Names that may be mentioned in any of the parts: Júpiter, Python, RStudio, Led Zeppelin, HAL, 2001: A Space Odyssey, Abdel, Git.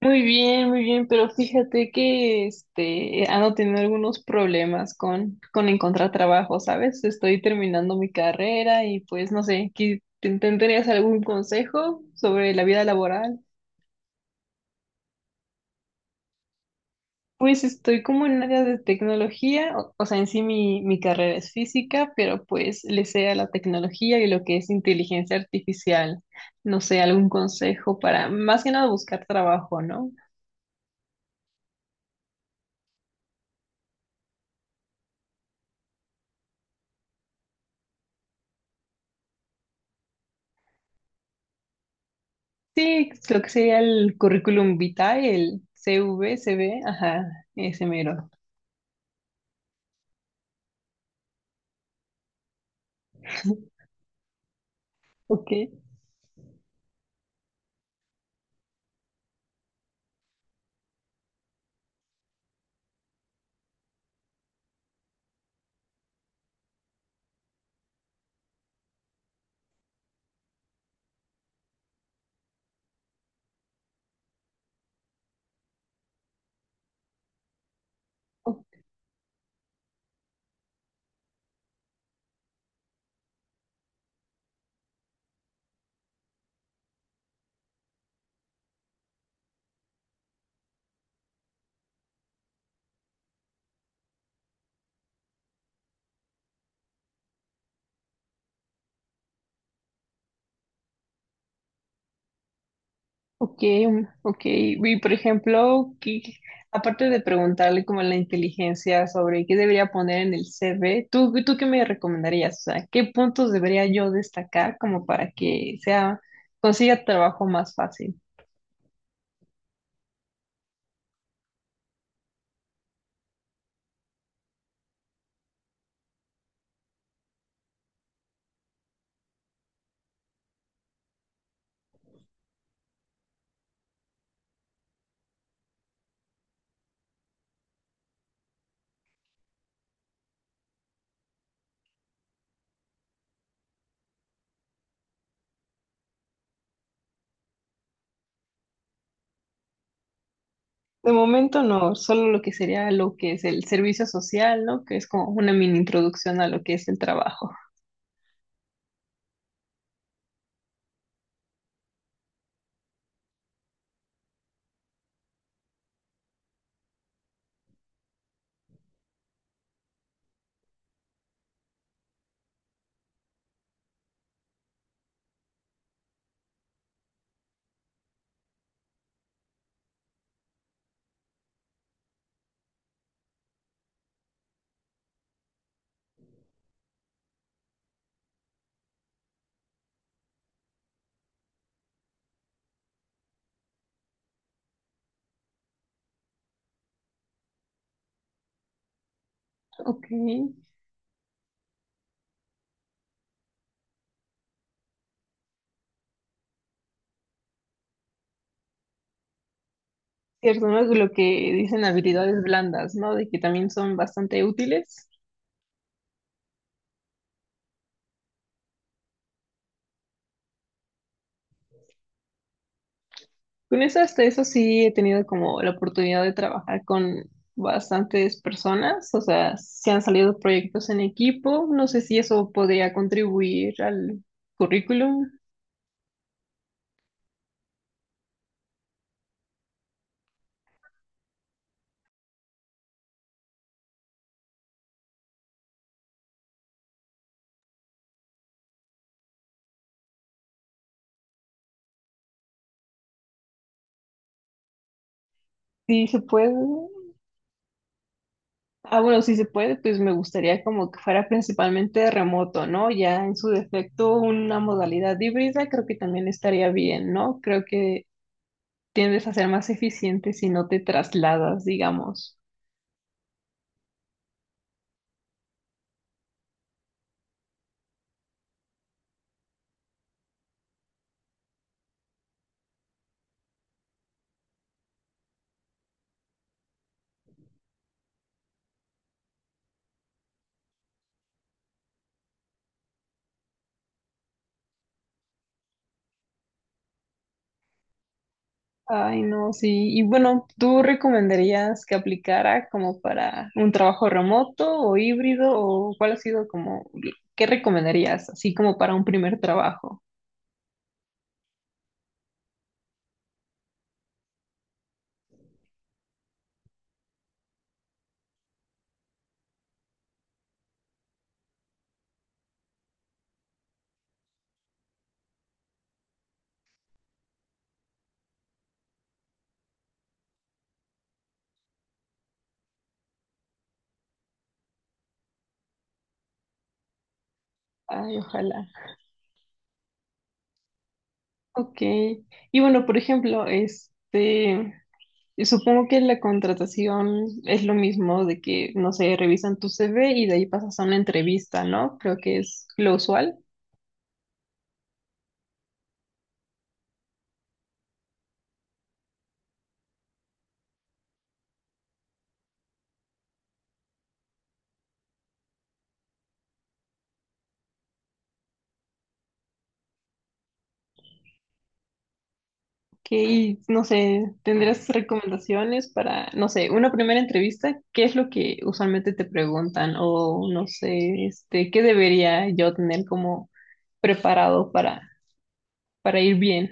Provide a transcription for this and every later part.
Muy bien, pero fíjate que ando teniendo algunos problemas con encontrar trabajo, ¿sabes? Estoy terminando mi carrera y pues no sé, ¿tendrías algún consejo sobre la vida laboral? Pues estoy como en áreas de tecnología, o sea, en sí mi carrera es física, pero pues le sé a la tecnología y lo que es inteligencia artificial. No sé, algún consejo para más que nada buscar trabajo, ¿no? Sí, lo que sería el currículum vitae, el CV, CV, ajá, ese mero. Ok, o- ok, ok. Y por ejemplo, aparte de preguntarle como la inteligencia sobre qué debería poner en el CV, ¿tú qué me recomendarías? O sea, ¿qué puntos debería yo destacar como para que sea, consiga trabajo más fácil? De momento no, solo lo que sería lo que es el servicio social, ¿no? Que es como una mini introducción a lo que es el trabajo. Ok. Cierto, ¿no? Lo que dicen habilidades blandas, ¿no? De que también son bastante útiles. Con eso, hasta eso sí he tenido como la oportunidad de trabajar con bastantes personas, o sea, se han salido proyectos en equipo, no sé si eso podría contribuir al currículum, sí se puede. Ah, bueno, si se puede, pues me gustaría como que fuera principalmente remoto, ¿no? Ya en su defecto una modalidad híbrida creo que también estaría bien, ¿no? Creo que tiendes a ser más eficiente si no te trasladas, digamos. Ay, no, sí. Y bueno, ¿tú recomendarías que aplicara como para un trabajo remoto o híbrido o cuál ha sido como, qué recomendarías así como para un primer trabajo? Ay, ojalá. Ok. Y bueno, por ejemplo, supongo que la contratación es lo mismo de que, no sé, revisan tu CV y de ahí pasas a una entrevista, ¿no? Creo que es lo usual. No sé, ¿tendrías recomendaciones para, no sé, una primera entrevista? ¿Qué es lo que usualmente te preguntan? O no sé, ¿qué debería yo tener como preparado para ir bien?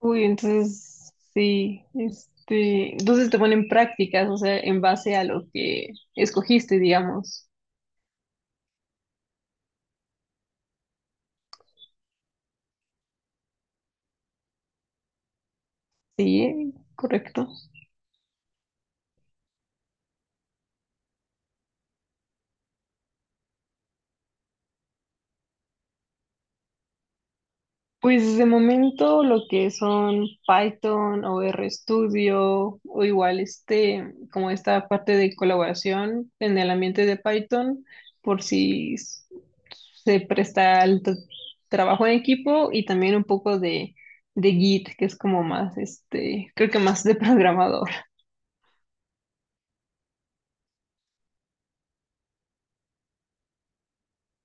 Uy, entonces, sí, entonces te ponen prácticas, o sea, en base a lo que escogiste, digamos. Sí, correcto. Pues de momento lo que son Python o RStudio o igual como esta parte de colaboración en el ambiente de Python, por si s- se presta al trabajo en equipo y también un poco de Git, que es como más creo que más de programador.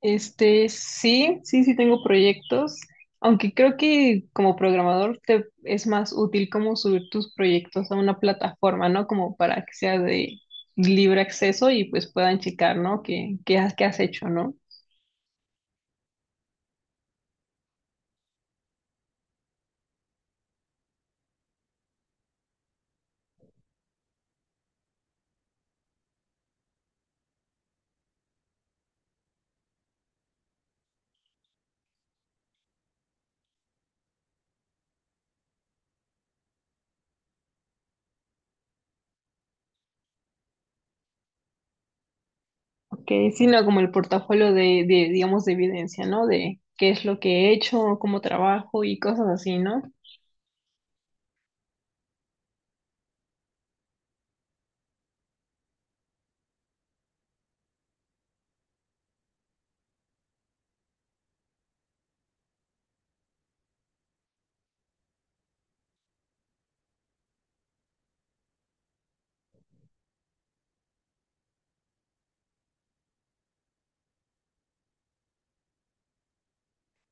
Sí, sí tengo proyectos, aunque creo que como programador te es más útil como subir tus proyectos a una plataforma, ¿no? Como para que sea de libre acceso y pues puedan checar, ¿no? ¿Qué has hecho, ¿no? Okay, sino como el portafolio digamos, de evidencia, ¿no? De qué es lo que he hecho, cómo trabajo y cosas así, ¿no?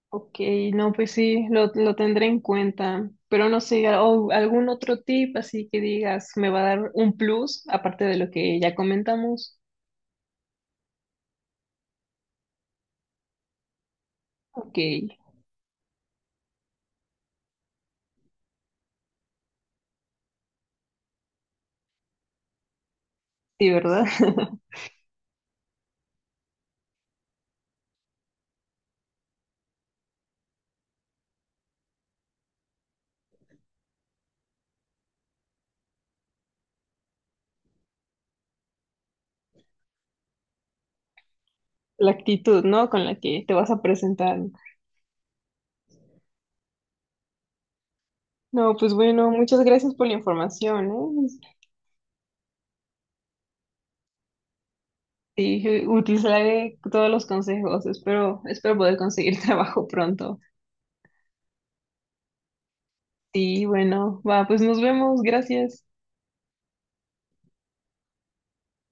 Ok, no, pues sí, lo tendré en cuenta, pero no sé, o algún otro tip así que digas, me va a dar un plus, aparte de lo que ya comentamos. Ok, sí, ¿verdad? La actitud, ¿no? Con la que te vas a presentar. No, pues bueno, muchas gracias por la información, ¿eh? Sí, utilizaré todos los consejos, espero, espero poder conseguir trabajo pronto. Sí, bueno, va, pues nos vemos, gracias.